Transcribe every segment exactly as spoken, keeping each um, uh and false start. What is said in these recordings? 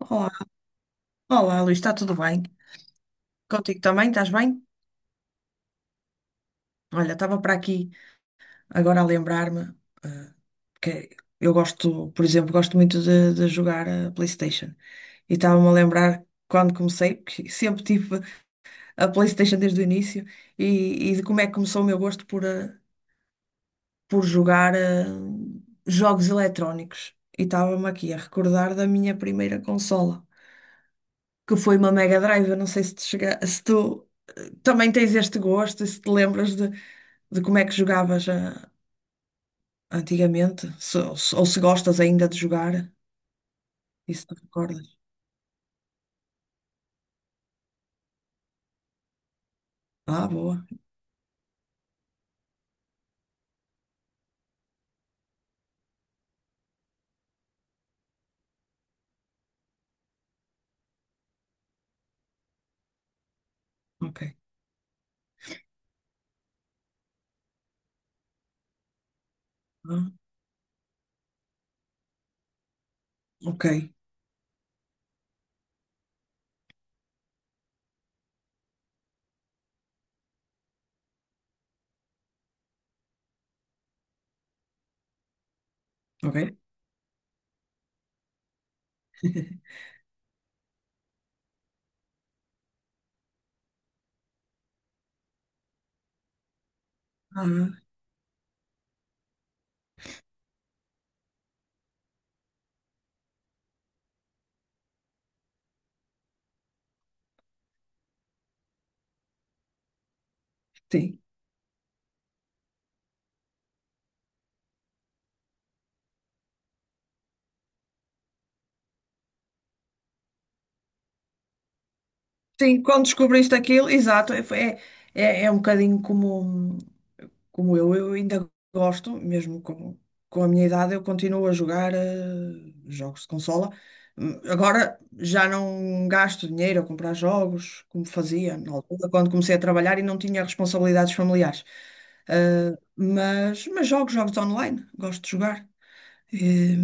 Olá, olá, Luís, está tudo bem? Contigo também, estás bem? Olha, estava para aqui agora a lembrar-me, ah, que eu gosto, por exemplo, gosto muito de, de jogar a PlayStation. E estava-me a lembrar quando comecei, porque sempre tive a PlayStation desde o início, e, e de como é que começou o meu gosto por, ah, por jogar ah, jogos eletrónicos. E estava-me aqui a recordar da minha primeira consola, que foi uma Mega Drive. Eu não sei se te chega, se tu também tens este gosto, e se te lembras de, de, como é que jogavas ah, antigamente, se- ou, se, ou se gostas ainda de jogar, isso te recordas? Ah, boa, ok. Ah, ok, ok. Ah, sim. Sim, quando descobriste aquilo, exato, é, foi- é, é é um bocadinho como. Como eu, eu ainda gosto, mesmo com, com a minha idade, eu continuo a jogar eh, jogos de consola. Hum, Agora já não gasto dinheiro a comprar jogos, como fazia na altura, quando comecei a trabalhar e não tinha responsabilidades familiares. Eh, mas, mas jogo jogos online, gosto de jogar. Eh,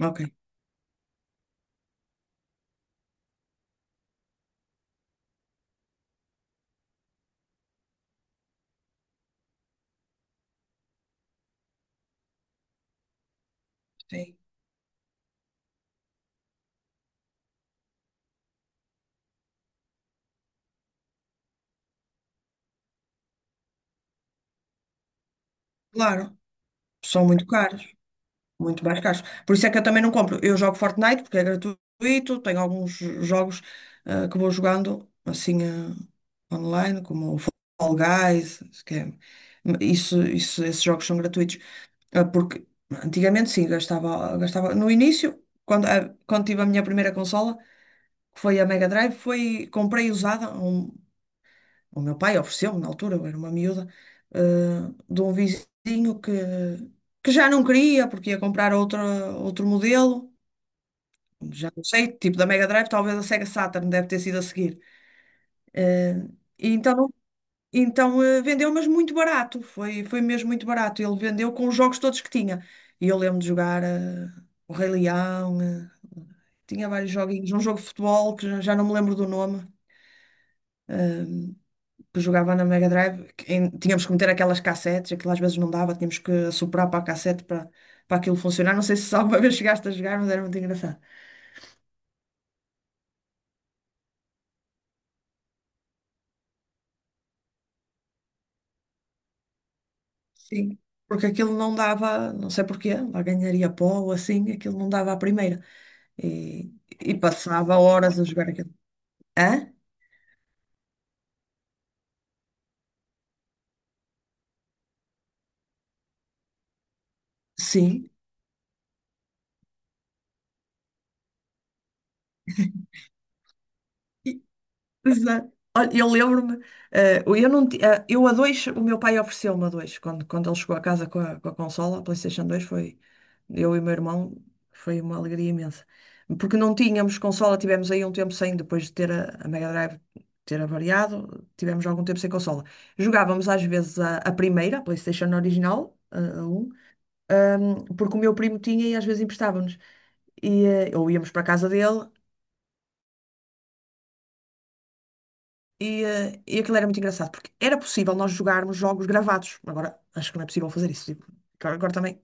ok, sim, claro, são muito caros. Muito mais caros. Por isso é que eu também não compro. Eu jogo Fortnite porque é gratuito, tenho alguns jogos eh, que vou jogando assim eh, online, como o Fall Guys, que é- isso, isso, esses jogos são gratuitos. Ah, porque antigamente sim, gastava, gastava. No início, quando, ah, quando tive a minha primeira consola, que foi a Mega Drive, foi, comprei usada, um o meu pai ofereceu-me na altura, eu era uma miúda, eh, de um vizinho que, que já não queria porque ia comprar outra, outro modelo, já não sei, tipo da Mega Drive, talvez a Sega Saturn deve ter sido a seguir. Eh, e então, então eh, vendeu, mas muito barato, foi, foi mesmo muito barato. Ele vendeu com os jogos todos que tinha. E eu lembro de jogar eh, o Rei Leão, eh, tinha vários joguinhos, um jogo de futebol que já já não me lembro do nome. Eh, que jogava na Mega Drive, que em- tínhamos que meter aquelas cassetes, aquilo às vezes não dava, tínhamos que soprar para a cassete para, para aquilo funcionar. Não sei se alguma vez chegaste a jogar, mas era muito engraçado. Sim, porque aquilo não dava, não sei porquê, lá ganharia pó ou assim, aquilo não dava à primeira. E, e passava horas a jogar aquilo. Hã? Sim. Exato. Olha, eu lembro-me, eh, eu não, ti- eh, eu a dois, o meu pai ofereceu-me a dois, quando, quando ele chegou a casa com a, com a, consola, a PlayStation dois, foi, eu e o meu irmão, foi uma alegria imensa. Porque não tínhamos consola, tivemos aí um tempo sem, depois de ter a, a Mega Drive ter avariado, tivemos algum tempo sem consola. Jogávamos às vezes a, a primeira, a PlayStation original, a, a um, porque o meu primo tinha e às vezes emprestava-nos. E, eh, ou íamos para a casa dele. E, eh, e aquilo era muito engraçado, porque era possível nós jogarmos jogos gravados. Agora, acho que não é possível fazer isso. Tipo, agora agora também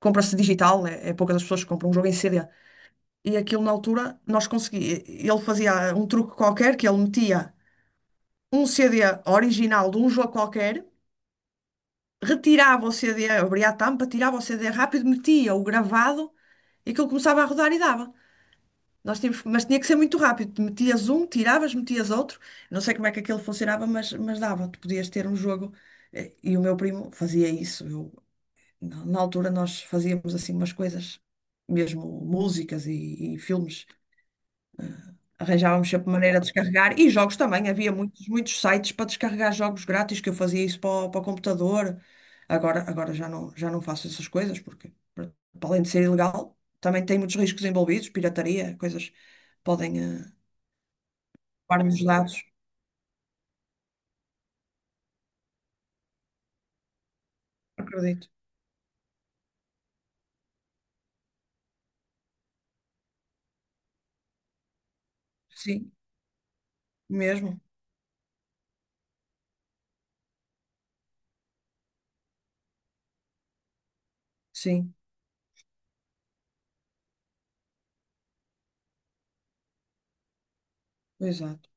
compra-se digital, é, é poucas as pessoas que compram um jogo em C D. E aquilo na altura nós conseguíamos. Ele fazia um truque qualquer que ele metia um C D original de um jogo qualquer, retirava o C D, abria a tampa, tirava o C D rápido, metia o gravado e aquilo começava a rodar e dava. Nós tínhamos, mas tinha que ser muito rápido. Metias um, tiravas, metias outro. Não sei como é que aquilo funcionava, mas, mas dava. Tu podias ter um jogo. Eh, E o meu primo fazia isso. Eu, na, na altura nós fazíamos assim umas coisas, mesmo músicas e, e filmes. Arranjávamos sempre maneira de descarregar. E jogos também. Havia muitos, muitos sites para descarregar jogos grátis que eu fazia isso para o, para o, computador. Agora, agora já não, já não faço essas coisas porque, para além de ser ilegal, também tem muitos riscos envolvidos, pirataria, coisas podem. eh, Guardo os dados, acredito. Sim, mesmo. Sim, exato.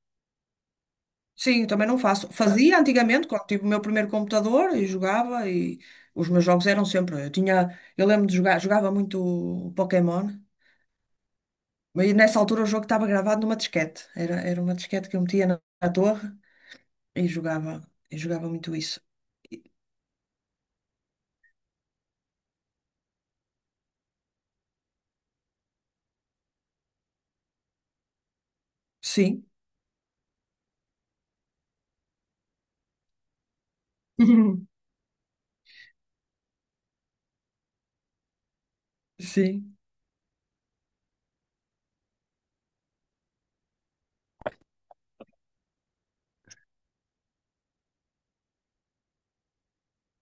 Sim, eu também não faço. Fazia antigamente, quando tive o meu primeiro computador e jogava, e os meus jogos eram sempre. Eu tinha, eu lembro de jogar, jogava muito Pokémon, mas nessa altura o jogo estava gravado numa disquete. Era, era uma disquete que eu metia na, na, torre e jogava, e jogava muito isso. Sim, sim,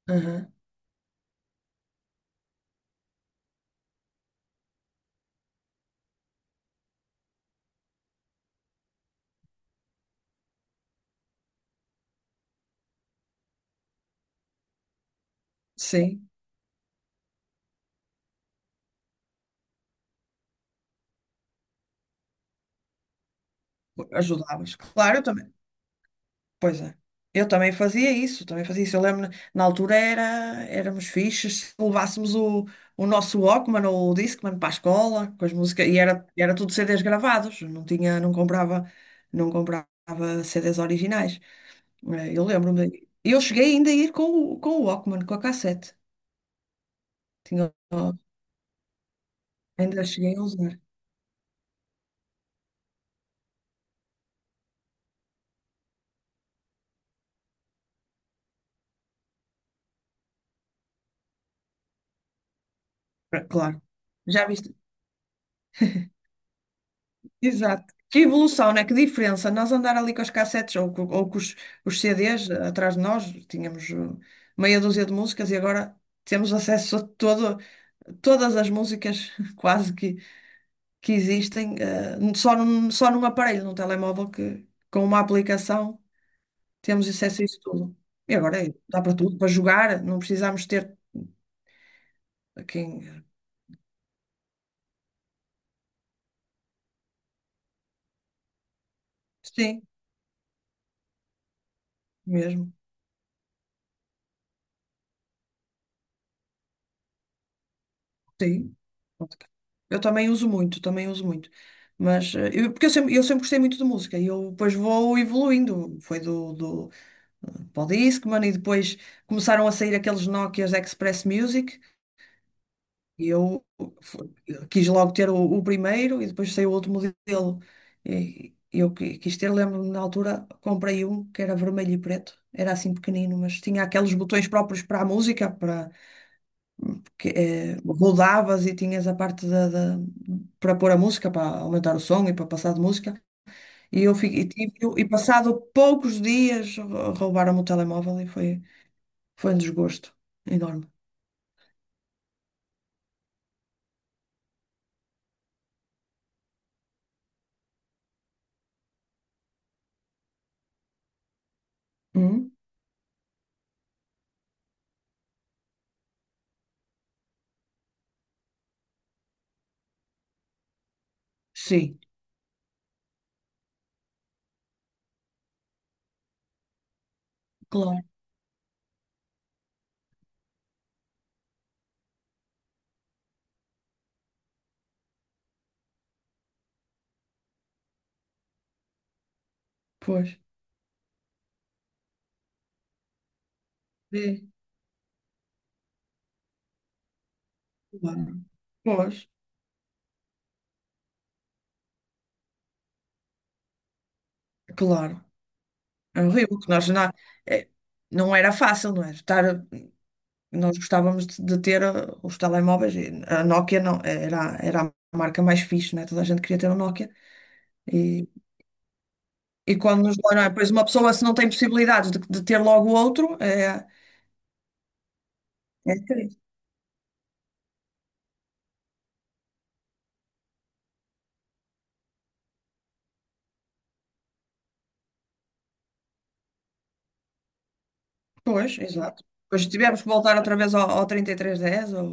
aham, sim. Ajudavas. Claro, eu também. Pois é. Eu também fazia isso, também fazia isso. Eu lembro, na altura era, éramos fixes, se levássemos o, o nosso Walkman ou o Discman para a escola, com as músicas, e era, era tudo C Ds gravados, não tinha, não comprava, não comprava C Ds originais. Eh, Eu lembro-me. Eu cheguei ainda a ir com o, com o, Walkman, com a cassete. Tinha, ainda cheguei a usar. Claro. Já viste? Exato. Que evolução, né? Que diferença. Nós andar ali com as cassetes ou, co- ou com os, os, C Ds atrás de nós, tínhamos uh, meia dúzia de músicas e agora temos acesso a todo, todas as músicas quase que, que existem, uh, só num, só num aparelho, num telemóvel, que com uma aplicação temos acesso a isso tudo. E agora é, dá para tudo, para jogar, não precisamos ter uh, quem. Sim, mesmo. Sim. Eu também uso muito, também uso muito. Mas, eh, eu, porque eu sempre, eu sempre gostei muito de música e eu depois vou evoluindo. Foi do, do Discman e depois começaram a sair aqueles Nokias Express Music e eu fu- quis logo ter o, o primeiro e depois saiu o outro modelo. E, eu qui- quis ter, lembro-me na altura, comprei um que era vermelho e preto. Era assim pequenino, mas tinha aqueles botões próprios para a música, para que eh, rodavas e tinhas a parte da, da- para pôr a música, para aumentar o som e para passar de música. E eu fiquei, e, tive- e passado poucos dias rou- roubaram-me o telemóvel e foi, foi um desgosto enorme. Hum? Sim, claro, pois. É, claro. Pois, claro. É horrível que nós não, é, não era fácil, não é? Estar, nós gostávamos de, de ter uh, os telemóveis. E a Nokia não, era, era a marca mais fixe, não é? Toda a gente queria ter um Nokia. E quando nos dói, não é? Pois uma pessoa, se não tem possibilidades de, de ter logo outro, é, é triste. Pois, exato. Depois tivemos que voltar outra vez ao, ao, trinta e três dez, ou...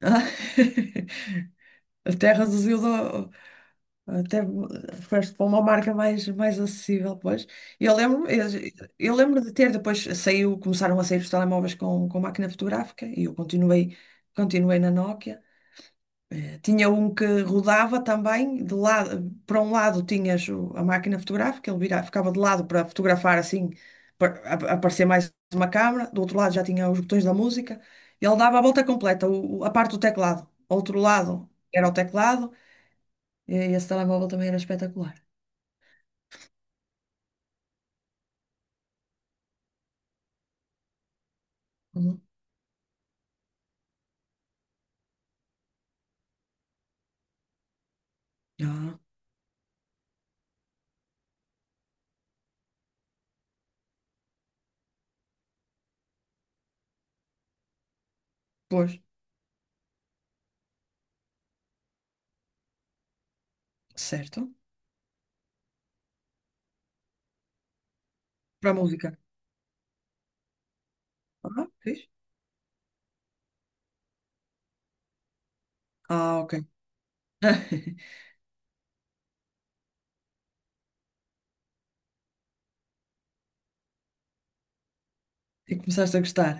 Até reduziu, do- até foste para uma marca mais, mais acessível, pois. E Eu lembro, eu, eu lembro de ter, depois saiu, começaram a sair os telemóveis com, com máquina fotográfica, e eu continuei, continuei na Nokia. Tinha um que rodava também, de lado, para um lado tinhas o- a máquina fotográfica, ele vira- ficava de lado para fotografar assim, para ap- aparecer mais uma câmara, do outro lado já tinha os botões da música, e ele dava a volta completa, o- o- a parte do teclado. Outro lado era o teclado, e esse telemóvel também era espetacular. Uhum. Ah, pois, certo. Para a música. Ah, fixe. Ah, ok. E começaste a gostar.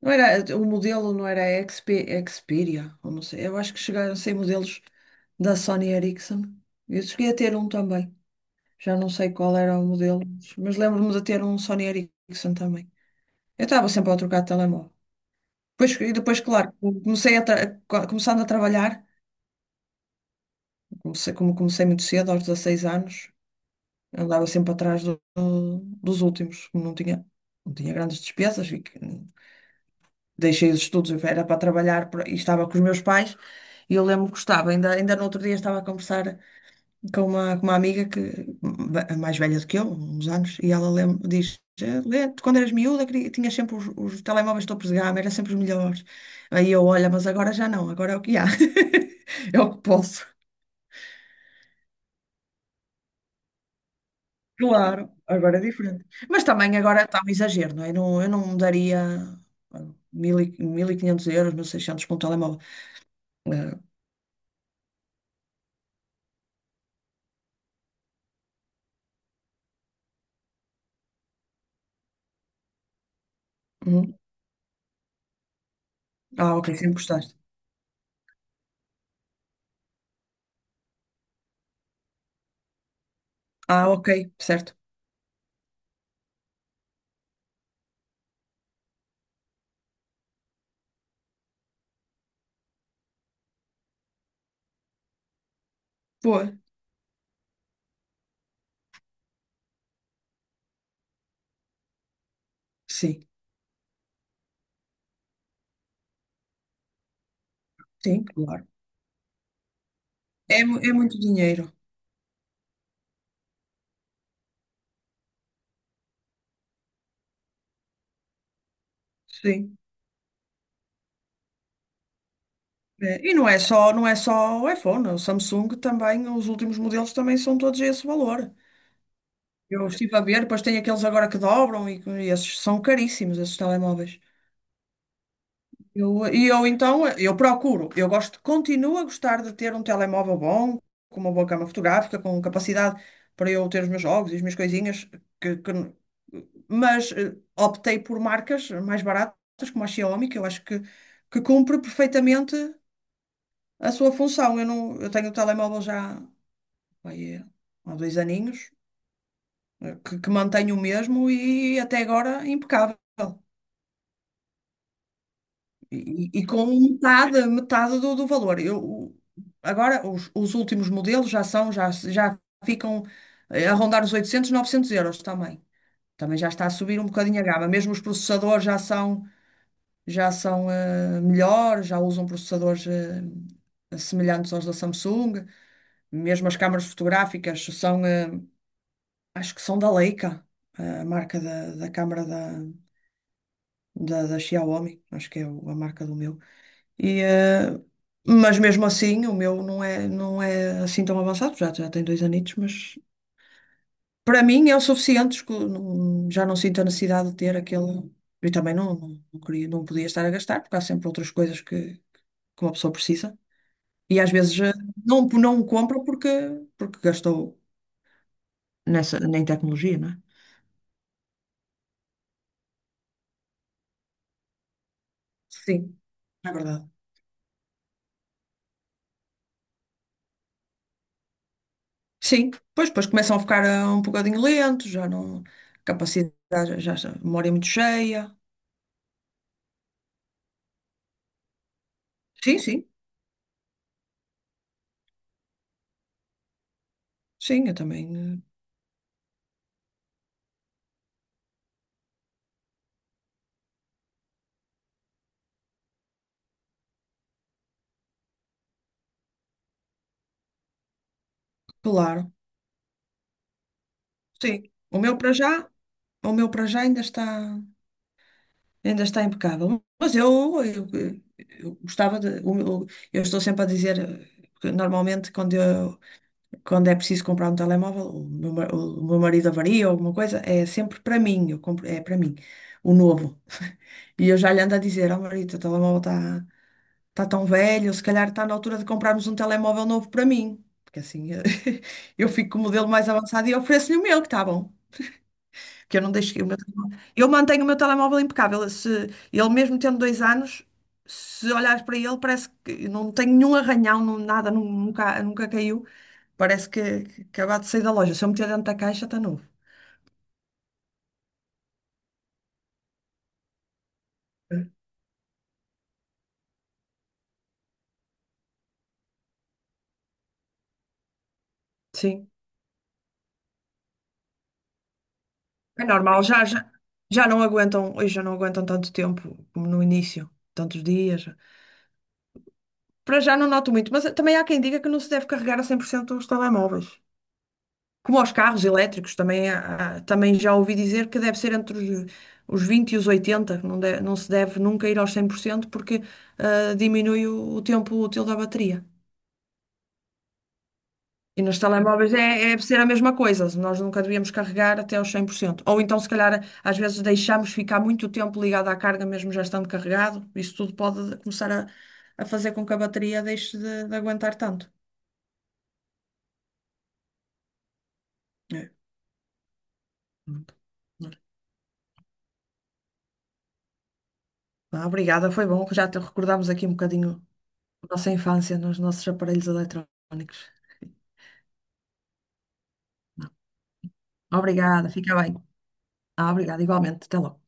Não era, o modelo não era X P, Xperia, ou não sei, eu acho que chegaram a ser modelos da Sony Ericsson. Eu cheguei a ter um também. Já não sei qual era o modelo, mas lembro-me de ter um Sony Ericsson também. Eu estava sempre a trocar de telemóvel. Depois, e depois, claro, comecei a tra- co- começando a trabalhar, comecei, como comecei muito cedo, aos dezasseis anos, andava sempre atrás do- dos últimos, como não tinha, não tinha, grandes despesas, e que- deixei os estudos, era para trabalhar pra- e estava com os meus pais, e eu lembro que gostava, ainda, ainda no outro dia estava a conversar com uma, com uma, amiga que ba- mais velha do que eu, uns anos, e ela lem- diz, "Eh, Lê, tu quando eras miúda queria- tinhas sempre os, os telemóveis topos de gama, eram sempre os melhores. Aí eu, olha, mas agora já não, agora é o que há. É o que posso." Claro, agora é diferente. Mas também agora está um exagero, não é? Não, eu não daria ah, mil e- mil e quinhentos euros, mil e seiscentos por um telemóvel. Ah, uhum. Ah, ok, sempre gostaste. Ah, ok, certo. Boa. Sim, sim, claro. É, mu- é muito dinheiro. Sim. É, e não é só, não é só o iPhone, o Samsung também, os últimos modelos também são todos esse valor. Eu estive a ver, depois tem aqueles agora que dobram e, que- e esses são caríssimos, esses telemóveis. Eu, e eu então, eu procuro, eu gosto, continuo a gostar de ter um telemóvel bom, com uma boa câmara fotográfica, com capacidade para eu ter os meus jogos e as minhas coisinhas, que, que- mas eh, optei por marcas mais baratas, como a Xiaomi, que eu acho que, que cumpre perfeitamente a sua função. Eu, não, eu tenho o telemóvel já vai, eh, há dois aninhos, eh, que, que mantenho o mesmo e até agora impecável. E, e com metade, metade do, do valor. Eu, o- agora, os, os últimos modelos já são, já, já ficam eh, a rondar os oitocentos novecentos euros também. Também já está a subir um bocadinho a gama. Mesmo os processadores já são. Já são eh, melhores, já usam processadores eh, semelhantes aos da Samsung. Mesmo as câmaras fotográficas são, eh, acho que são da Leica, a marca da, da câmara da, da, da Xiaomi, acho que é o- a marca do meu. E, eh, mas mesmo assim, o meu não é, não é assim tão avançado, já, já tem dois anitos, mas para mim é o suficiente, escu- não- já não sinto a necessidade de ter aquele. E também não, não, não queria, não podia estar a gastar, porque há sempre outras coisas que, que uma pessoa precisa. E às vezes eh, não, não o compra porque, porque gastou nessa, em tecnologia, não é? Sim, é verdade. Sim, pois, depois começam a ficar eh, um bocadinho lentos, já não. Capacidade, já, já- a memória é muito cheia. Sim, sim, sim, eu também, eh, claro. Sim, o meu para já, o meu para já ainda está, ainda está impecável. Mas eu, eu, eu gostava de. o meu- Eu estou sempre a dizer, eh, que normalmente quando eu quando é preciso comprar um telemóvel, o meu, ma- o meu marido avaria ou alguma coisa, é sempre para mim, eu compro, é para mim, o novo. E eu já lhe ando a dizer, ó marido, o telemóvel está tá tá tão velho, se calhar está na altura de comprarmos um telemóvel novo para mim. Porque assim eu fico com o modelo mais avançado e ofereço-lhe o meu, que está bom. Porque eu não deixo. O meu telemóvel- eu mantenho o meu telemóvel impecável. Se, ele mesmo tendo dois anos, se olhares para ele, parece que não tem nenhum arranhão, não- nada, nu- nunca, nunca caiu. Parece que, que acabou de sair da loja. Se eu meter dentro da caixa, está novo. Sim. É normal, já, já, já não aguentam, hoje já não aguentam tanto tempo como no início, tantos dias. Para já não noto muito, mas também há quem diga que não se deve carregar a cem por cento os telemóveis. Como aos carros elétricos, também, há- há- também já ouvi dizer que deve ser entre os, os vinte e os oitenta, que não, de- não se deve nunca ir aos cem por cento porque ah, diminui o, o tempo útil da bateria. E nos telemóveis é, é deve ser a mesma coisa, nós nunca devíamos carregar até aos cem por cento. Ou então, se calhar, às vezes deixamos ficar muito tempo ligado à carga, mesmo já estando carregado. Isso tudo pode começar a, a fazer com que a bateria deixe de, de aguentar tanto. É. Ah, obrigada, foi bom, já te recordámos aqui um bocadinho nossa infância nos nossos aparelhos eletrónicos. Obrigada, fica bem. Ah, obrigada, igualmente. Até logo.